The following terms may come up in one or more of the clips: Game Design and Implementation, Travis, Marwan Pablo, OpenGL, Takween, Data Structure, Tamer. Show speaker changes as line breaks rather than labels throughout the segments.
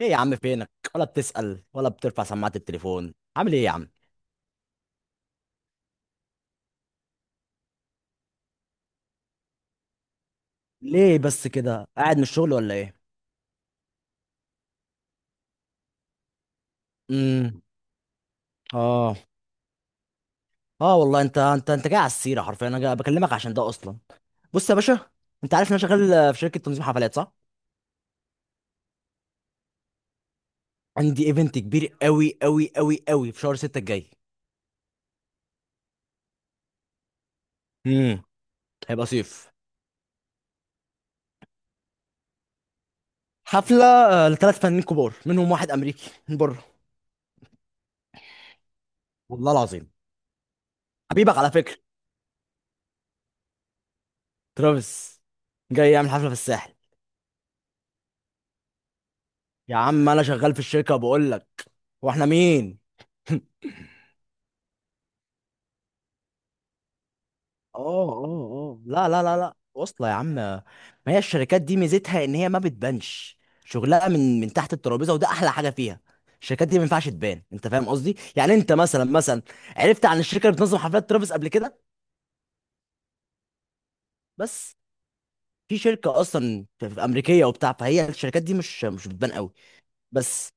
ايه يا عم فينك؟ ولا بتسأل ولا بترفع سماعة التليفون؟ عامل ايه يا عم؟ ليه بس كده قاعد من الشغل ولا ايه؟ امم. اه. اه والله انت جاي على السيرة، حرفيا انا جاي بكلمك عشان ده اصلا. بص يا باشا، انت عارف ان انا شغال في شركة تنظيم حفلات، صح؟ عندي ايفنت كبير قوي قوي قوي قوي في شهر 6 الجاي. امم. هيبقى صيف. حفلة لثلاث فنانين كبار، منهم واحد امريكي من بره. والله العظيم. حبيبك على فكرة. ترافيس جاي يعمل حفلة في الساحل. يا عم انا شغال في الشركه بقول لك، واحنا مين؟ اه. اه اه، لا لا لا لا، واصله يا عم ما. هي الشركات دي ميزتها ان هي ما بتبانش، شغلها من تحت الترابيزه، وده احلى حاجه فيها. الشركات دي ما ينفعش تبان، انت فاهم قصدي، يعني انت مثلا مثلا عرفت عن الشركه اللي بتنظم حفلات ترافيس قبل كده؟ بس. في شركه اصلا، في امريكيه وبتاع، فهي الشركات دي مش بتبان قوي. بس.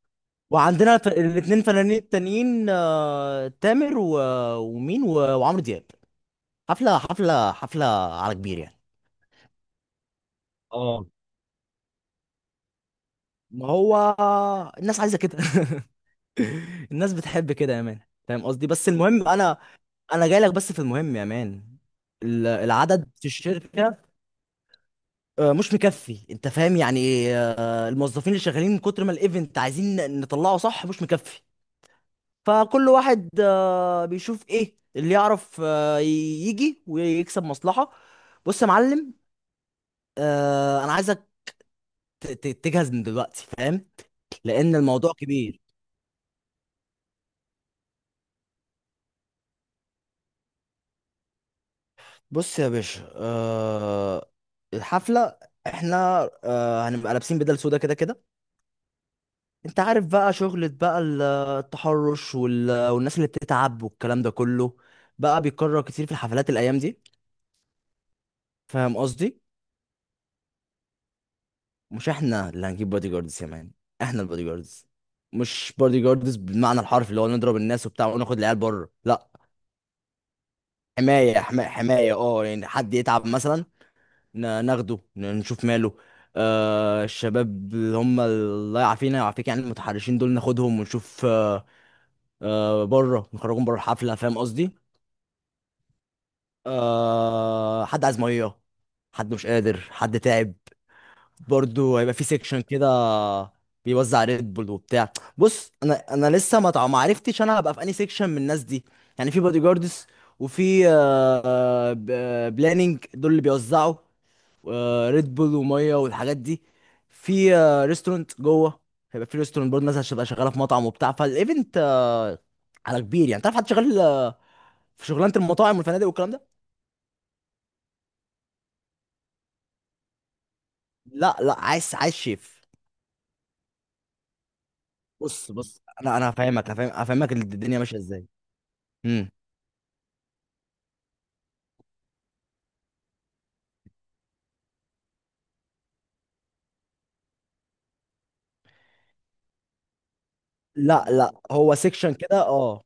وعندنا الاثنين فنانين التانيين، تامر ومين وعمرو دياب. حفله حفله حفله، على كبير يعني. اه، ما هو الناس عايزه كده. الناس بتحب كده يا مان، فاهم قصدي، بس المهم انا، انا جاي لك بس في المهم يا مان. العدد في الشركه مش مكفي، انت فاهم يعني. الموظفين اللي شغالين، من كتر ما الايفنت عايزين نطلعه صح، مش مكفي. فكل واحد بيشوف ايه اللي يعرف يجي ويكسب مصلحه. بص يا معلم، انا عايزك تجهز من دلوقتي، فاهم. لان الموضوع كبير. بص يا باشا، الحفله، احنا هنبقى لابسين بدل سودا كده كده. انت عارف بقى، شغلة بقى التحرش والناس اللي بتتعب والكلام ده كله بقى بيتكرر كتير في الحفلات الايام دي، فاهم قصدي. مش احنا اللي هنجيب بادي جاردز يا مان، احنا البادي جاردز. مش بادي جاردز بالمعنى الحرفي اللي هو نضرب الناس وبتاع وناخد العيال بره، لا. حمايه، حمايه اه يعني، حد يتعب مثلا ناخده نشوف ماله. الشباب اللي هم الله يعافينا يعافيك، يعني المتحرشين دول ناخدهم ونشوف. بره، نخرجهم بره الحفله، فاهم قصدي. حد عايز ميه، حد مش قادر، حد تعب، برضو هيبقى في سيكشن كده بيوزع ريد بول وبتاع. بص، انا لسه ما عرفتش انا هبقى في انهي سيكشن من الناس دي، يعني في بادي جاردز، وفي بلاننج دول اللي بيوزعوا ريد بول وميه والحاجات دي. في ريستورانت جوه. هيبقى في ريستورانت برضه، الناس هتبقى شغاله في مطعم وبتاع، فالايفنت على كبير يعني. تعرف حد شغال في شغلانه المطاعم والفنادق والكلام ده؟ لا لا، عايز شيف. بص بص، انا هفهمك الدنيا ماشيه ازاي. امم. لا لا، هو سيكشن كده اه.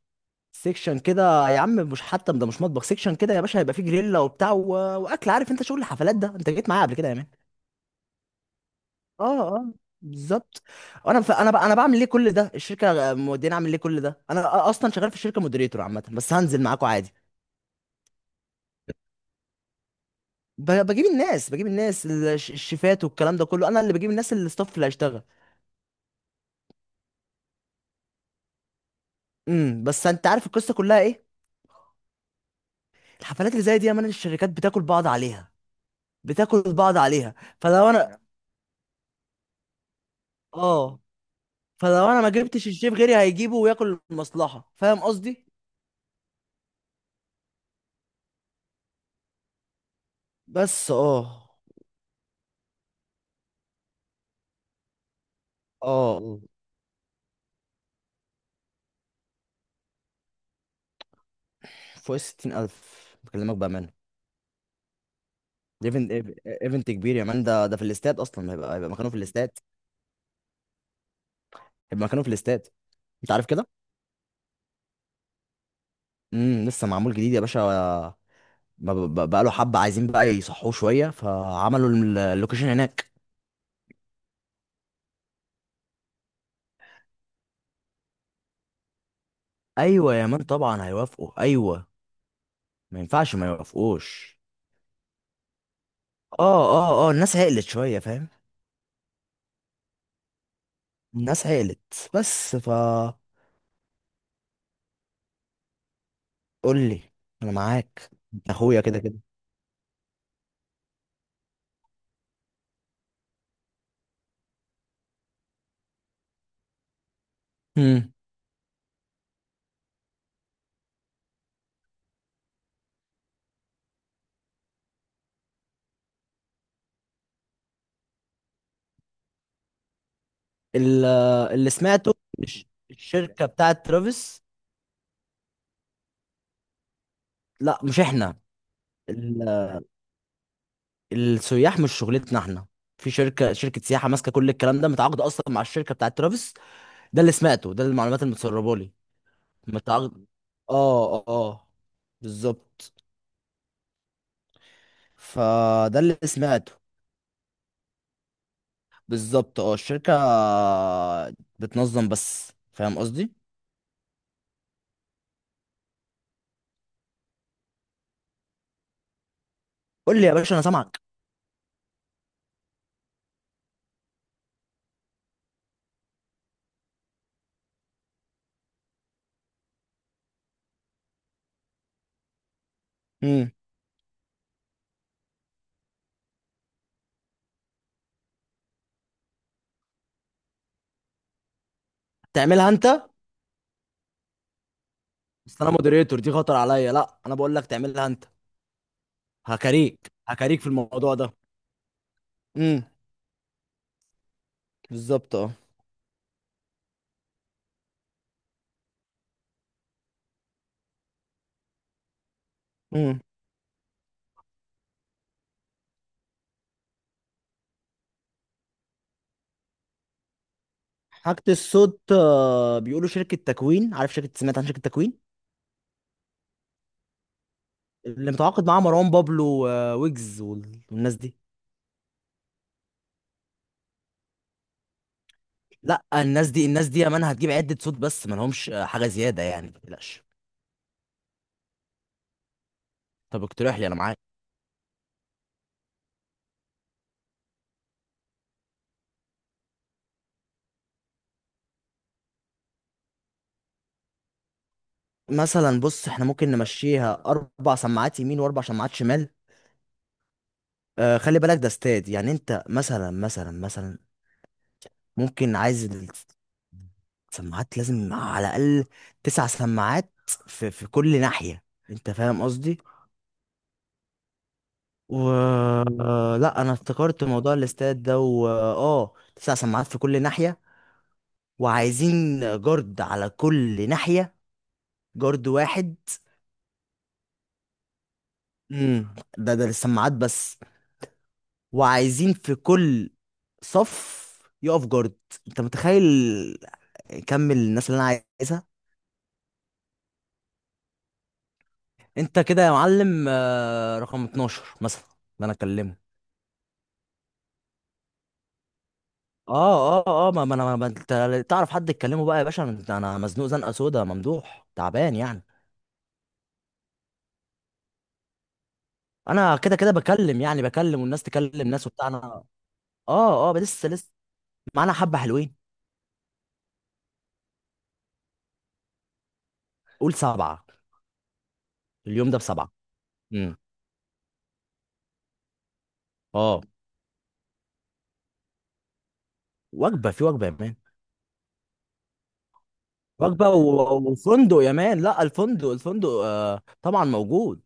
سيكشن كده يا عم، مش حتى، ده مش مطبخ، سيكشن كده يا باشا، هيبقى فيه جريلا وبتاع واكل، عارف انت شغل الحفلات ده، انت جيت معايا قبل كده يا مان. اه اه، بالظبط. انا ف... انا ب... انا بعمل ليه كل ده؟ الشركه موديني اعمل ليه كل ده؟ انا اصلا شغال في الشركه مودريتور عامه، بس هنزل معاكم عادي. بجيب الناس، الشيفات والكلام ده كله، انا اللي بجيب الناس، اللي الستاف اللي هيشتغل. امم، بس انت عارف القصه كلها ايه؟ الحفلات اللي زي دي يا مان الشركات بتاكل بعض عليها، بتاكل بعض عليها. فلو انا، اه، فلو انا ما جبتش الشيف غيري هيجيبه وياكل المصلحه، فاهم قصدي. بس. اه اه. آه. فوق 60,000 بكلمك بأمانة. ايفنت، ايفنت كبير يا مان، ده في الاستاد اصلا، هيبقى مكانه في الاستاد. هيبقى مكانه في الاستاد، انت عارف كده. امم، لسه معمول جديد يا باشا، بقى له حبه، عايزين بقى يصحوه شويه، فعملوا اللوكيشن هناك. ايوه يا مان، طبعا هيوافقوا، ايوه ما ينفعش ما يوافقوش. اه اه اه، الناس عقلت شويه، فاهم. الناس عقلت، بس. قول لي، انا معاك، انت اخويا كده كده. امم. اللي سمعته، الشركه بتاعت ترافيس، لا مش احنا، السياح مش شغلتنا احنا، في شركه، سياحه ماسكه كل الكلام ده، متعاقده اصلا مع الشركه بتاعت ترافيس، ده اللي سمعته، ده المعلومات اللي متسربه لي. متعاقد، اه اه، بالظبط. فده اللي سمعته. بالظبط، اه، الشركه بتنظم بس، فاهم قصدي. قول لي يا باشا، انا سامعك. امم. تعملها انت؟ بس انا مودريتور، دي خطر عليا، لا انا بقول لك تعملها انت. هكاريك هكاريك في الموضوع ده. امم، بالظبط اه. حاجة الصوت، بيقولوا شركة تكوين، عارف شركة، سمعت عن شركة تكوين، اللي متعاقد معاها مروان بابلو وويجز والناس دي. لا، الناس دي الناس دي يا مان هتجيب عدة صوت بس، ما لهمش حاجة زيادة يعني، ما تقلقش. طب اقترح لي، انا معاك. مثلا بص، احنا ممكن نمشيها اربع سماعات يمين واربع سماعات شمال. خلي بالك ده استاد، يعني انت مثلا مثلا مثلا ممكن عايز، السماعات لازم على الاقل تسع سماعات في كل ناحية، انت فاهم قصدي. و لا انا افتكرت موضوع الاستاد ده و تسع سماعات في كل ناحية، وعايزين جارد على كل ناحية، جارد واحد. امم، ده للسماعات بس، وعايزين في كل صف يقف جارد. انت متخيل كم الناس اللي انا عايزها؟ انت كده يا معلم، رقم 12 مثلا، ده انا اكلمه. اه اه اه، ما ما انا ما ما- انت تعرف حد تكلمه بقى يا باشا؟ انا مزنوق زنقه سودا ممدوح، تعبان يعني. انا كده كده بكلم، يعني بكلم والناس تكلم ناس وبتاع انا. اه اه، لسه لسه معانا حبه حلوين. قول سبعه. اليوم ده بسبعه. امم، اه. وجبه في وجبه يا مان. وجبه وفندق يا مان، لا الفندق طبعا موجود.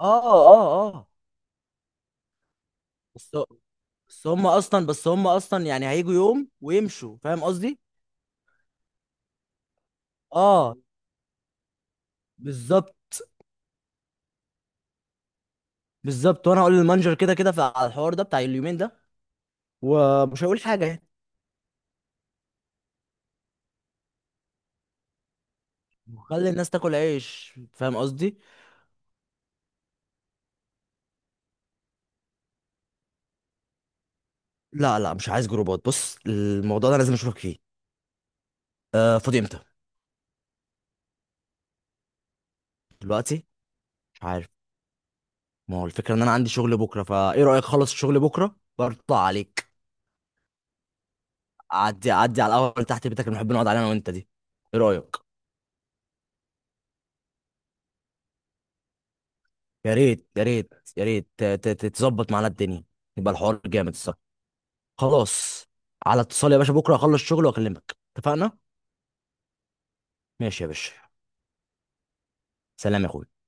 اه اه اه. بس بس هم اصلا يعني هيجوا يوم ويمشوا، فاهم قصدي. اه بالظبط. بالظبط، وانا هقول للمانجر كده كده على الحوار ده بتاع اليومين ده، ومش هقول حاجه يعني. وخلي الناس تاكل عيش، فاهم قصدي. لا لا، مش عايز جروبات، بص الموضوع ده لازم اشوفك فيه. فاضي امتى؟ دلوقتي؟ مش عارف، ما هو الفكره ان انا عندي شغل بكره، فايه رايك خلص الشغل بكره برطع عليك. اعدي اعدي على القهوه اللي تحت بيتك اللي بنحب نقعد عليها انا وانت دي، ايه رايك؟ يا ريت يا ريت يا ريت تظبط معانا الدنيا، يبقى الحوار جامد الصراحه. خلاص. على اتصال يا باشا، بكره اخلص شغل واكلمك، اتفقنا. ماشي يا باشا. سلام يا اخويا.